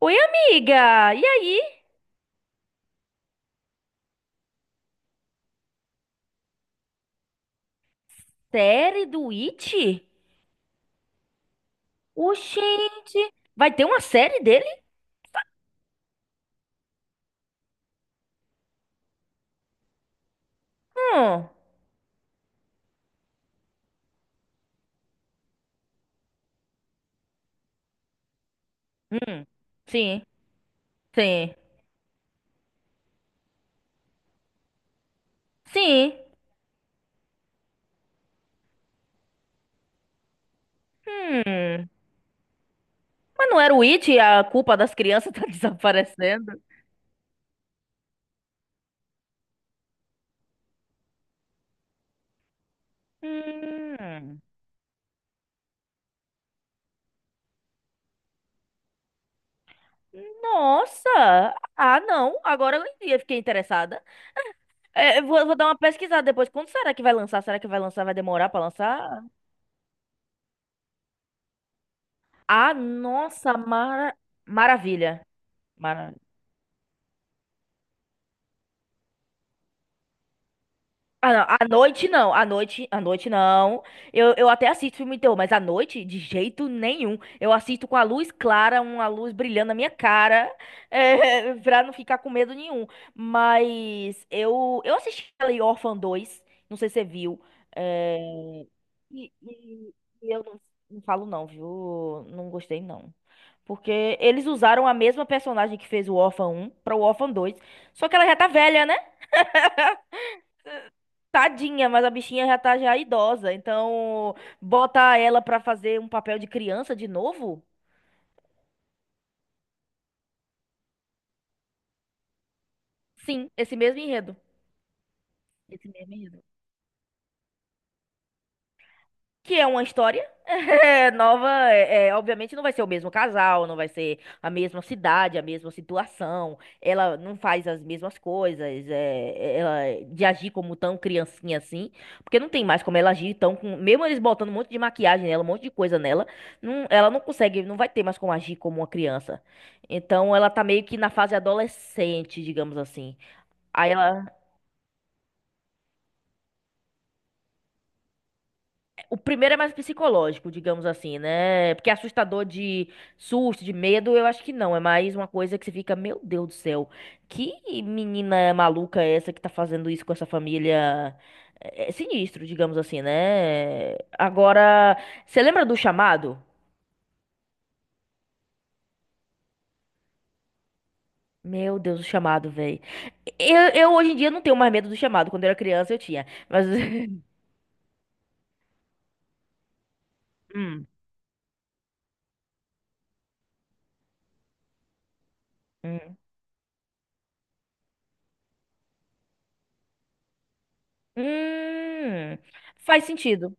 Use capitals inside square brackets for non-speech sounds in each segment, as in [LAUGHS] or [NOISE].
Oi, amiga! E aí? Série do It? Oxente! Vai ter uma série dele? Hum. Hum. Sim, sim, sim. Hum. Mas não era o It e a culpa das crianças tá [LAUGHS] desaparecendo? Hum. Nossa! Ah, não. Agora fiquei interessada. É, vou dar uma pesquisada depois. Quando será que vai lançar? Será que vai lançar? Vai demorar pra lançar? Ah, nossa! Maravilha! Ah, não. À noite não, à noite não. Eu até assisto filme de terror, mas à noite, de jeito nenhum. Eu assisto com a luz clara, uma luz brilhando na minha cara, [LAUGHS] pra não ficar com medo nenhum. Mas eu assisti ali Orphan 2, não sei se você viu. É, e, e- e eu não, Não falo não, viu? Não gostei não. Porque eles usaram a mesma personagem que fez o Orphan 1 para o Orphan 2. Só que ela já tá velha, né? Tadinha, mas a bichinha já tá já idosa, então bota ela pra fazer um papel de criança de novo? Sim, esse mesmo enredo. Esse mesmo enredo. Que é uma história É nova, obviamente não vai ser o mesmo casal, não vai ser a mesma cidade, a mesma situação. Ela não faz as mesmas coisas, ela de agir como tão criancinha assim, porque não tem mais como ela agir tão com, mesmo eles botando um monte de maquiagem nela, um monte de coisa nela, ela não consegue, não vai ter mais como agir como uma criança. Então ela tá meio que na fase adolescente, digamos assim. Aí ela O primeiro é mais psicológico, digamos assim, né? Porque assustador de susto, de medo, eu acho que não. É mais uma coisa que você fica, meu Deus do céu, que menina maluca é essa que tá fazendo isso com essa família? É sinistro, digamos assim, né? Agora, você lembra do chamado? Meu Deus, o chamado, velho. Eu hoje em dia não tenho mais medo do chamado. Quando eu era criança eu tinha. Mas. [LAUGHS] Hum, hum. Hum, faz sentido.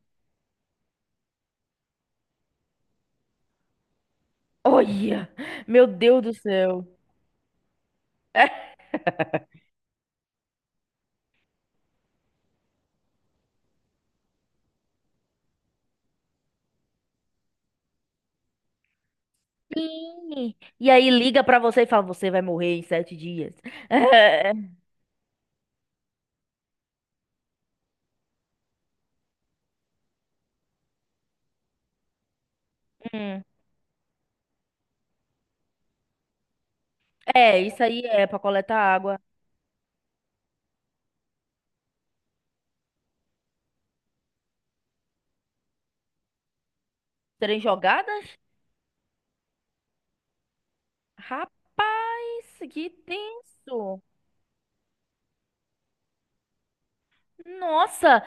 Olha! Meu Deus do céu. [LAUGHS] Sim. E aí liga pra você e fala, você vai morrer em sete dias. [LAUGHS] É, hum. É, isso aí é pra coletar água. Serem jogadas? Rapaz, que tenso. Nossa,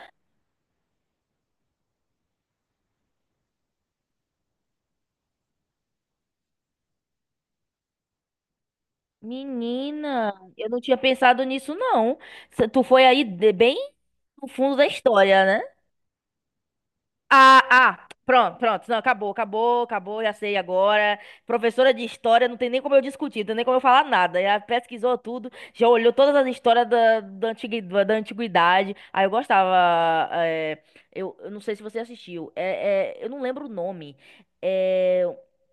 menina, eu não tinha pensado nisso, não. Tu foi bem no fundo da história, né? Ah, ah, pronto, pronto. Não, acabou, acabou, acabou, já sei agora. Professora de história, não tem nem como eu discutir, não tem nem como eu falar nada. Já pesquisou tudo, já olhou todas as histórias da antiguidade. Aí eu gostava. Eu não sei se você assistiu. Eu não lembro o nome. É,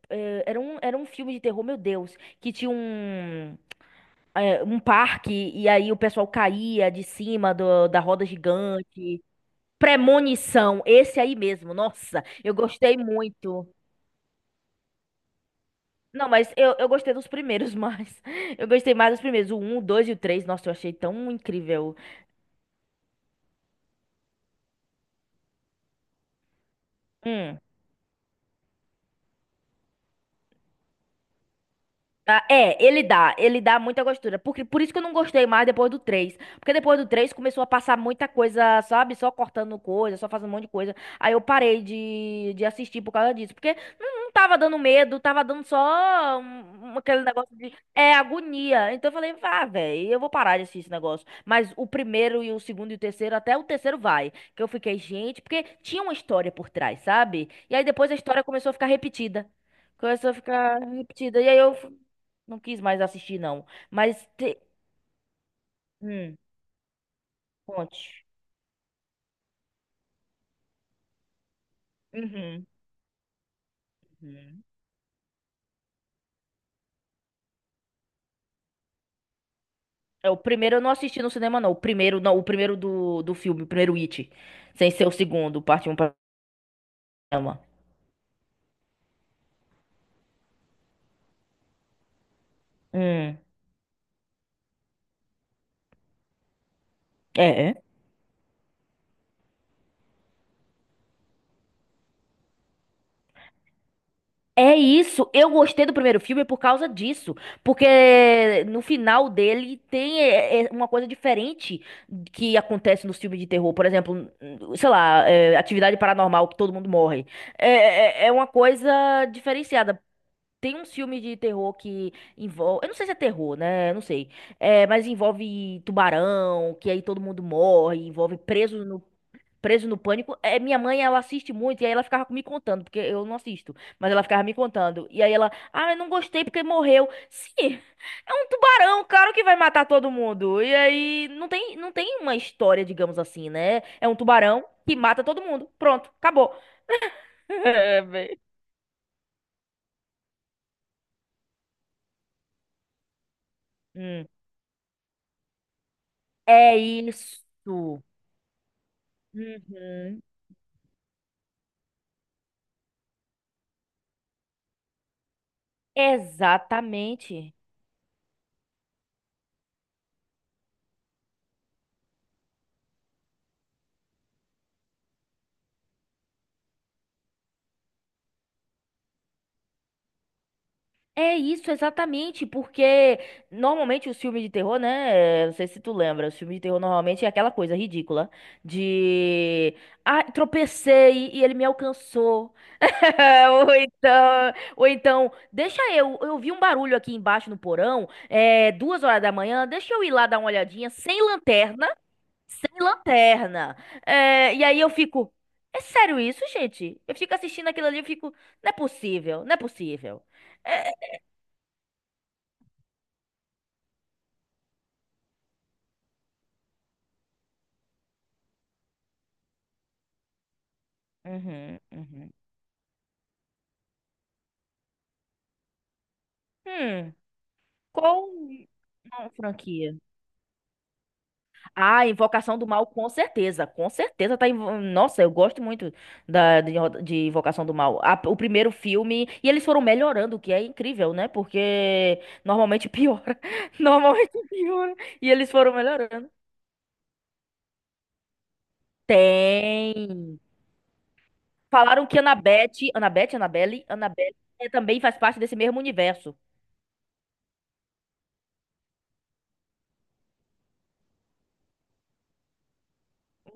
era um filme de terror, meu Deus, que tinha um. Um parque, e aí o pessoal caía de da roda gigante. Premonição, esse aí mesmo. Nossa, eu gostei muito. Não, mas eu gostei dos primeiros mais. [LAUGHS] Eu gostei mais dos primeiros. O 1, o 2 e o 3. Nossa, eu achei tão incrível. Hum. Ah, é, ele dá. Ele dá muita gostura. Porque por isso que eu não gostei mais depois do três. Porque depois do 3 começou a passar muita coisa, sabe? Só cortando coisa, só fazendo um monte de coisa. Aí eu parei de assistir por causa disso. Porque não tava dando medo, tava dando só aquele negócio de agonia. Então eu falei, vá, velho, eu vou parar de assistir esse negócio. Mas o primeiro e o segundo e o terceiro, até o terceiro vai. Que eu fiquei, gente, porque tinha uma história por trás, sabe? E aí depois a história começou a ficar repetida. Começou a ficar repetida. E aí não quis mais assistir, não. Mas te... hum, conte. Uhum. Uhum. É, o primeiro eu não assisti no cinema, não. O primeiro, não, o primeiro do filme, o primeiro It. Sem ser o segundo, parte um para Hum. É. é. É isso, eu gostei do primeiro filme por causa disso, porque no final dele tem uma coisa diferente que acontece nos filmes de terror, por exemplo, sei lá, atividade paranormal que todo mundo morre, é uma coisa diferenciada. Tem um filme de terror que envolve, eu não sei se é terror, né, eu não sei, mas envolve tubarão, que aí todo mundo morre, envolve preso Preso no Pânico. É, minha mãe, ela assiste muito e aí ela ficava me contando, porque eu não assisto, mas ela ficava me contando. E aí ela, ah, eu não gostei porque morreu. Sim, é um tubarão, claro que vai matar todo mundo. E aí não tem, não tem uma história, digamos assim, né? É um tubarão que mata todo mundo. Pronto, acabou. [LAUGHS] É, véi. Hum, É isso. Uhum. Exatamente. É isso, exatamente, porque normalmente os filmes de terror, né? Não sei se tu lembra, os filmes de terror normalmente é aquela coisa ridícula de. Ah, tropecei e ele me alcançou. [LAUGHS] Ou então, deixa eu. Eu vi um barulho aqui embaixo no porão, duas horas da manhã, deixa eu ir lá dar uma olhadinha, sem lanterna, sem lanterna. É, e aí eu fico. É sério isso, gente? Eu fico assistindo aquilo ali, eu fico. Não é possível, não é possível. É, uhum, uhum. Hum, qual uma franquia? Ah, Invocação do Mal, com certeza. Com certeza tá. Nossa, eu gosto muito de Invocação do Mal. O primeiro filme. E eles foram melhorando, o que é incrível, né? Porque normalmente piora. [LAUGHS] Normalmente piora. E eles foram melhorando. Tem. Falaram que Annabelle também faz parte desse mesmo universo.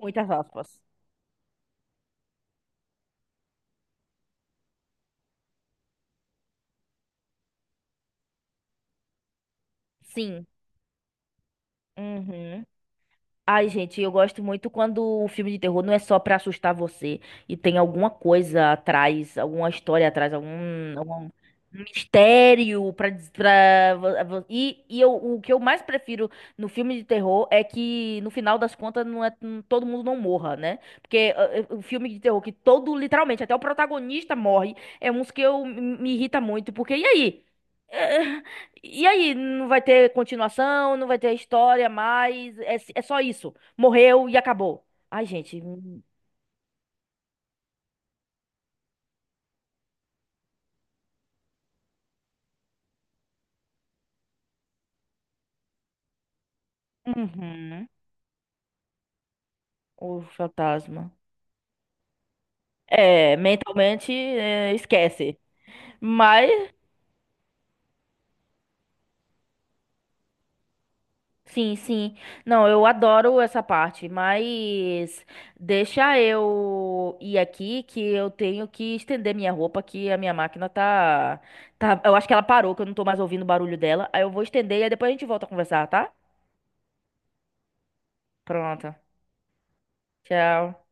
Muitas aspas. Sim. Uhum. Ai, gente, eu gosto muito quando o filme de terror não é só pra assustar você e tem alguma coisa atrás, alguma história atrás, algum mistério pra, E, eu, o que eu mais prefiro no filme de terror é que no final das contas todo mundo não morra, né? Porque o filme de terror que todo, literalmente, até o protagonista morre, é uns que eu me me irrita muito, porque e aí? É, e aí, não vai ter continuação, não vai ter história mais, é só isso. Morreu e acabou. Ai, gente. Uhum. O fantasma. É, mentalmente, é, esquece. Mas, sim, sim. Não, eu adoro essa parte, mas deixa eu ir aqui que eu tenho que estender minha roupa, que a minha máquina tá, tá. Eu acho que ela parou, que eu não tô mais ouvindo o barulho dela. Aí eu vou estender e aí depois a gente volta a conversar, tá? Pronto. Tchau.